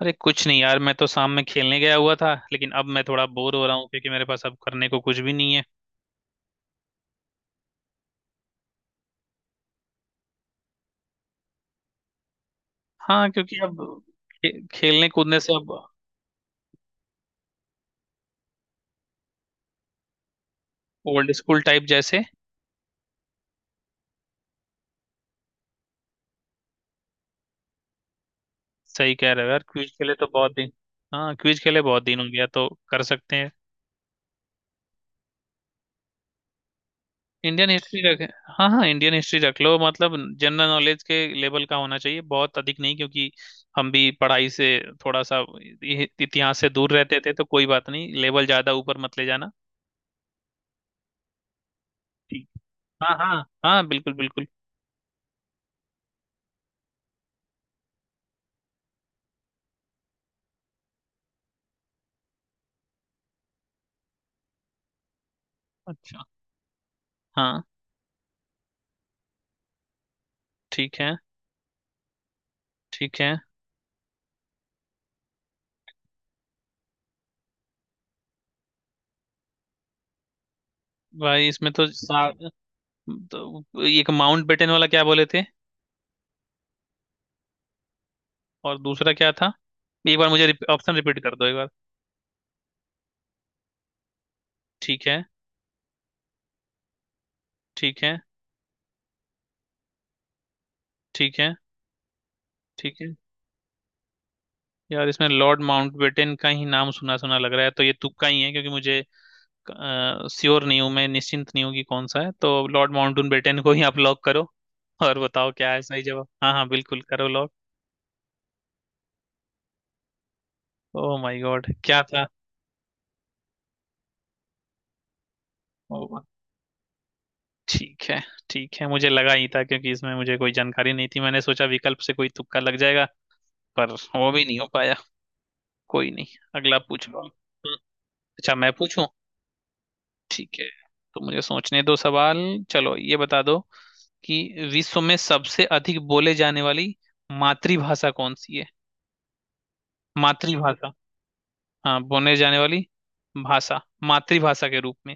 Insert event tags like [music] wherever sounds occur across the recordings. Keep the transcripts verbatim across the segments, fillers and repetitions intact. अरे कुछ नहीं यार। मैं तो शाम में खेलने गया हुआ था लेकिन अब मैं थोड़ा बोर हो रहा हूँ क्योंकि मेरे पास अब करने को कुछ भी नहीं है। हाँ, क्योंकि अब खे, खेलने कूदने से अब ओल्ड स्कूल टाइप जैसे। सही कह रहे हो यार, क्विज खेले तो बहुत दिन। हाँ, क्विज खेले बहुत दिन हो गया तो कर सकते हैं। इंडियन हिस्ट्री रख। हाँ हाँ, इंडियन हिस्ट्री रख लो। मतलब जनरल नॉलेज के लेवल का होना चाहिए, बहुत अधिक नहीं, क्योंकि हम भी पढ़ाई से थोड़ा सा इ- इतिहास से दूर रहते थे। तो कोई बात नहीं, लेवल ज्यादा ऊपर मत ले जाना। ठीक। हाँ हाँ हाँ, बिल्कुल बिल्कुल। अच्छा। हाँ ठीक है। ठीक है। भाई इसमें तो, सा, तो एक माउंट बेटन वाला क्या बोले थे और दूसरा क्या था। एक बार मुझे ऑप्शन रिपीट कर दो एक बार। ठीक है। ठीक है। ठीक है। ठीक है। यार इसमें लॉर्ड माउंटबेटन का ही नाम सुना सुना लग रहा है तो ये तुक्का ही है, क्योंकि मुझे श्योर नहीं हूँ, मैं निश्चिंत नहीं हूँ कि कौन सा है। तो लॉर्ड माउंटबेटन को ही आप लॉक करो और बताओ क्या है सही जवाब। हाँ हाँ बिल्कुल, करो लॉक। ओह माय गॉड, क्या था। ठीक है। ठीक है, मुझे लगा ही था क्योंकि इसमें मुझे कोई जानकारी नहीं थी, मैंने सोचा विकल्प से कोई तुक्का लग जाएगा, पर वो भी नहीं हो पाया। कोई नहीं। अगला पूछो आप। हम्म, अच्छा मैं पूछूं। ठीक है, तो मुझे सोचने दो सवाल। चलो ये बता दो कि विश्व में सबसे अधिक बोले जाने वाली मातृभाषा कौन सी है। मातृभाषा। हाँ, बोले जाने वाली भाषा, मातृभाषा के रूप में।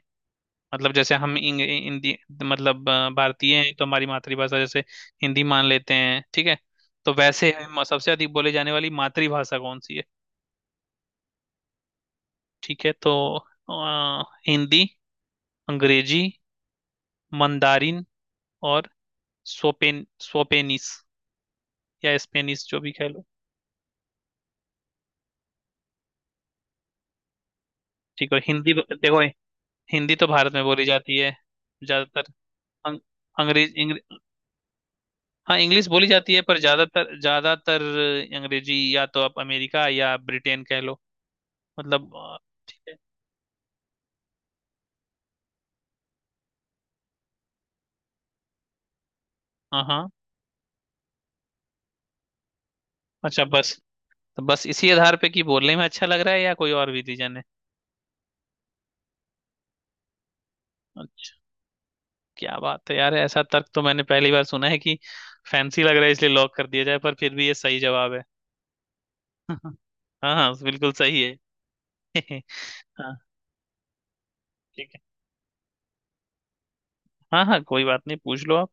मतलब जैसे हम इंग- हिंदी, मतलब अ, भारतीय हैं तो हमारी मातृभाषा जैसे हिंदी मान लेते हैं। ठीक है, तो वैसे हम सबसे अधिक बोले जाने वाली मातृभाषा कौन सी है। ठीक है, तो अ, हिंदी, अंग्रेजी, मंदारिन और सोपेन सोपेनिस या स्पेनिस जो भी कह लो। ठीक है, और हिंदी देखो, हिंदी तो भारत में बोली जाती है ज्यादातर। अं- अंग्रेज इंग्र, हाँ, इंग्लिश बोली जाती है पर ज्यादातर ज्यादातर अंग्रेजी, या तो आप अमेरिका या ब्रिटेन कह लो। मतलब अ, ठीक है। हाँ हाँ। अच्छा, बस तो बस इसी आधार पे कि बोलने में अच्छा लग रहा है या कोई और भी रीजन है। अच्छा, क्या बात है यार, ऐसा तर्क तो मैंने पहली बार सुना है कि फैंसी लग रहा है इसलिए लॉक कर दिया जाए, पर फिर भी ये सही जवाब है। [laughs] हाँ हाँ, बिल्कुल सही है। [laughs] हाँ। ठीक है। हाँ हाँ, कोई बात नहीं, पूछ लो आप।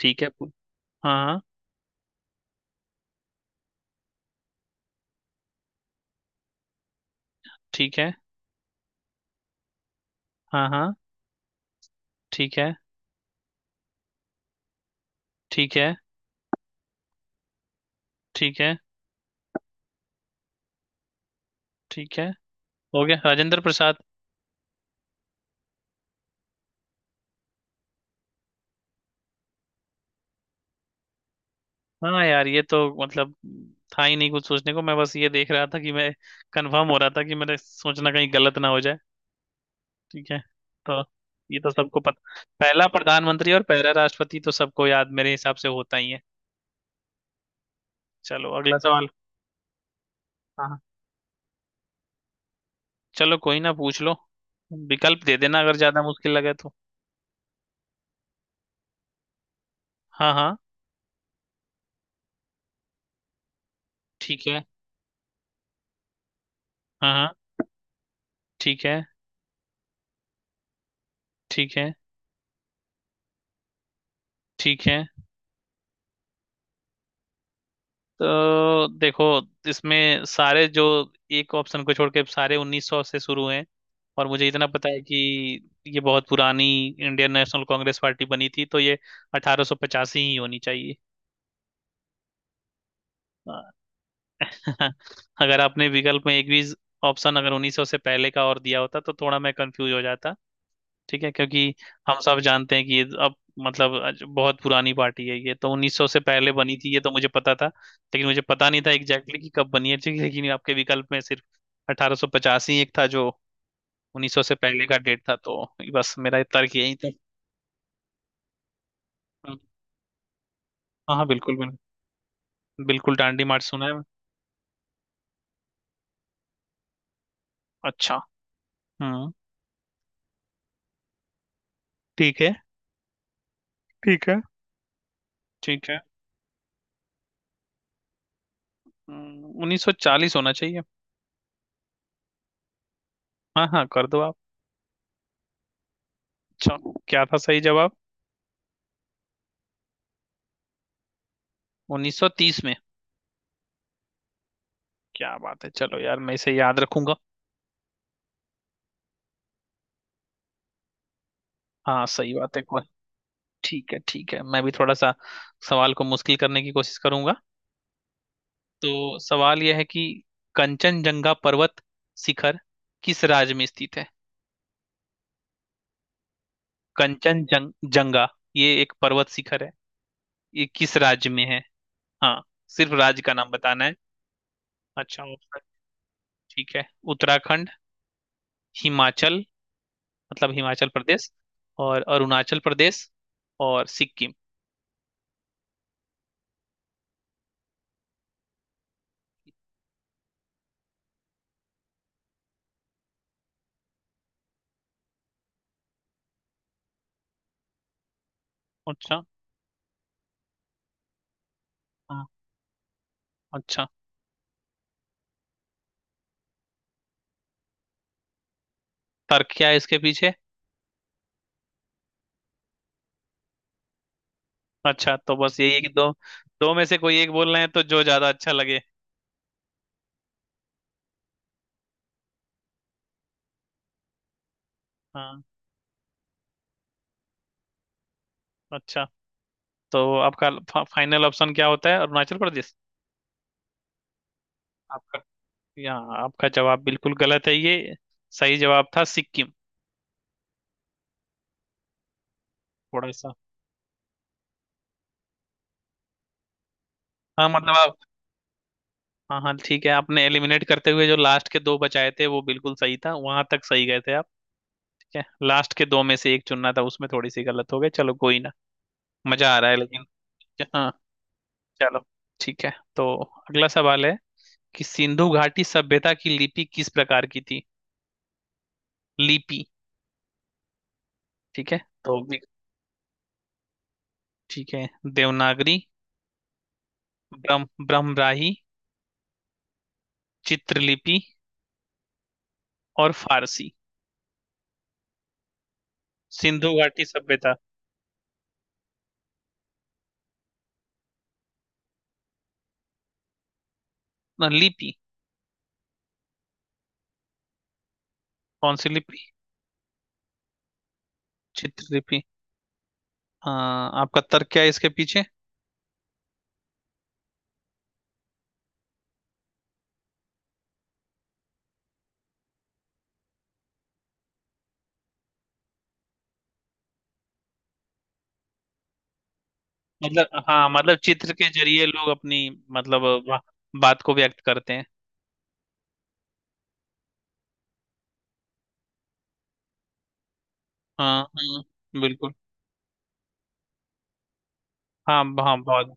ठीक है पू- हाँ हाँ। ठीक है। हाँ हाँ। ठीक है। ठीक है। ठीक है। ठीक है। हो गया, राजेंद्र प्रसाद। हाँ यार, ये तो मतलब था ही नहीं कुछ सोचने को, मैं बस ये देख रहा था कि मैं कंफर्म हो रहा था कि मेरे सोचना कहीं गलत ना हो जाए। ठीक है। तो ये तो सबको पता, पहला प्रधानमंत्री और पहला राष्ट्रपति तो सबको याद मेरे हिसाब से होता ही है। चलो अगला सवाल। हाँ हाँ। चलो कोई ना, पूछ लो। विकल्प दे देना अगर ज्यादा मुश्किल लगे तो। हाँ हाँ। ठीक है। हाँ हाँ। ठीक है। ठीक है। ठीक है। तो देखो, इसमें सारे जो, एक ऑप्शन को छोड़ के सारे उन्नीस सौ से शुरू हैं, और मुझे इतना पता है कि ये बहुत पुरानी इंडियन नेशनल कांग्रेस पार्टी बनी थी, तो ये अठारह सौ पचासी ही होनी चाहिए। हाँ, [laughs] अगर आपने विकल्प में एक भी ऑप्शन अगर उन्नीस सौ से पहले का और दिया होता तो थोड़ा मैं कंफ्यूज हो जाता। ठीक है, क्योंकि हम सब जानते हैं कि ये अब, मतलब आज बहुत पुरानी पार्टी है, ये तो उन्नीस सौ से पहले बनी थी ये तो मुझे पता था, लेकिन मुझे पता नहीं था एग्जैक्टली कि कब बनी है। ठीक है, लेकिन आपके विकल्प में सिर्फ अठारह सौ पचास ही एक था जो उन्नीस सौ से पहले का डेट था, तो बस मेरा तर्क यही था। हम्म, हाँ हाँ बिल्कुल बिल्कुल। बिल्कुल डांडी मार्च सुना है मैंने। अच्छा। हम्म। ठीक है। ठीक है। ठीक है। उन्नीस सौ चालीस होना चाहिए। हाँ हाँ, कर दो आप। अच्छा, क्या था सही जवाब। उन्नीस सौ तीस में। क्या बात है, चलो यार मैं इसे याद रखूंगा। हाँ सही बात है को- ठीक है। ठीक है, मैं भी थोड़ा सा सवाल को मुश्किल करने की कोशिश करूंगा। तो सवाल यह है कि कंचनजंगा पर्वत शिखर किस राज्य में स्थित है। कंचनजंगा, ये एक पर्वत शिखर है, ये किस राज्य में है। हाँ, सिर्फ राज्य का नाम बताना है। अच्छा ऑप्शन। ठीक है, उत्तराखंड, हिमाचल, मतलब हिमाचल प्रदेश, और अरुणाचल प्रदेश और सिक्किम। अच्छा। हाँ। अच्छा, तर्क क्या है इसके पीछे। अच्छा, तो बस यही है कि दो, दो में से कोई एक बोल रहे हैं तो जो ज्यादा अच्छा लगे। हाँ। अच्छा, तो आपका फा, फाइनल ऑप्शन क्या होता है, अरुणाचल प्रदेश। आपका, यहाँ आपका जवाब बिल्कुल गलत है, ये सही जवाब था सिक्किम। थोड़ा सा। हाँ मतलब आप, हाँ हाँ ठीक है, आपने एलिमिनेट करते हुए जो लास्ट के दो बचाए थे वो बिल्कुल सही था, वहां तक सही गए थे आप। ठीक है, लास्ट के दो में से एक चुनना था, उसमें थोड़ी सी गलत हो गई, चलो कोई ना। मजा आ रहा है लेकिन। हाँ। चलो ठीक है, तो अगला सवाल है कि सिंधु घाटी सभ्यता की लिपि किस प्रकार की थी। लिपि। ठीक है, तो भी- ठीक है, देवनागरी, ब्रह्म ब्रह्मराही, चित्रलिपि और फारसी। सिंधु घाटी सभ्यता। ना, लिपि। कौन सी लिपि। चित्रलिपि। हाँ, आपका तर्क क्या है इसके पीछे। मतलब हाँ, मतलब चित्र के जरिए लोग अपनी, मतलब बा, बात को व्यक्त करते हैं। हाँ हाँ बिल्कुल। हाँ हाँ बहुत।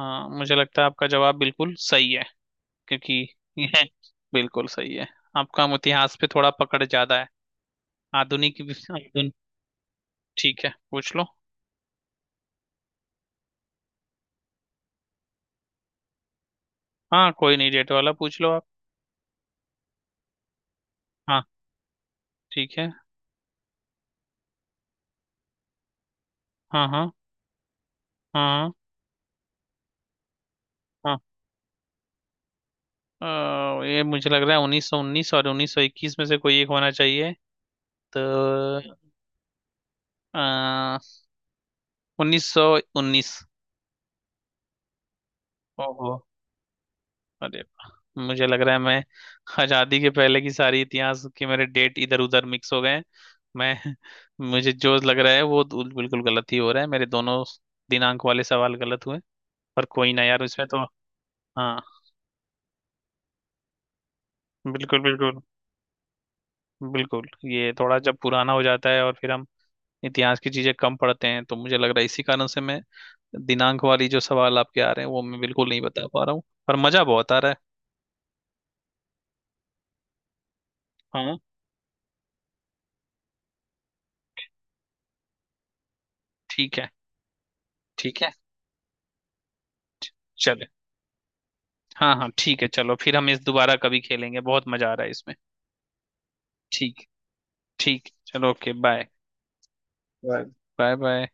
हाँ, मुझे लगता है आपका जवाब बिल्कुल सही है, क्योंकि [laughs] यह बिल्कुल सही है आपका। हम इतिहास पे थोड़ा पकड़ ज्यादा है, आधुनिक भी आधुन ठीक है, पूछ लो। हाँ कोई नहीं, डेट वाला पूछ लो आप। हाँ ठीक है। हाँ हाँ। हाँ हाँ। हाँ। अ, ये मुझे लग रहा है उन्नीस सौ उन्नीस और उन्नीस सौ इक्कीस में से कोई एक होना चाहिए, तो उन्नीस सौ उन्नीस। ओहो। अरे वाह, मुझे लग रहा है मैं आजादी के पहले की सारी इतिहास के मेरे डेट इधर उधर मिक्स हो गए हैं। मैं [laughs] मुझे जो लग रहा है वो तो बिल्कुल गलत ही हो रहा है, मेरे दोनों दिनांक वाले सवाल गलत हुए। पर कोई ना यार, इसमें तो हाँ बिल्कुल बिल्कुल। बिल्कुल ये थोड़ा, जब पुराना हो जाता है और फिर हम इतिहास की चीजें कम पढ़ते हैं तो मुझे लग रहा है इसी कारण से मैं दिनांक वाली जो सवाल आपके आ रहे हैं वो मैं बिल्कुल नहीं बता पा रहा हूँ। पर मजा बहुत आ रहा है। हाँ ठीक है। ठीक है। चले। हाँ हाँ ठीक है, चलो फिर हम इस दोबारा कभी खेलेंगे, बहुत मजा आ रहा है इसमें। ठीक। ठीक चलो, okay bye. Right. Bye bye.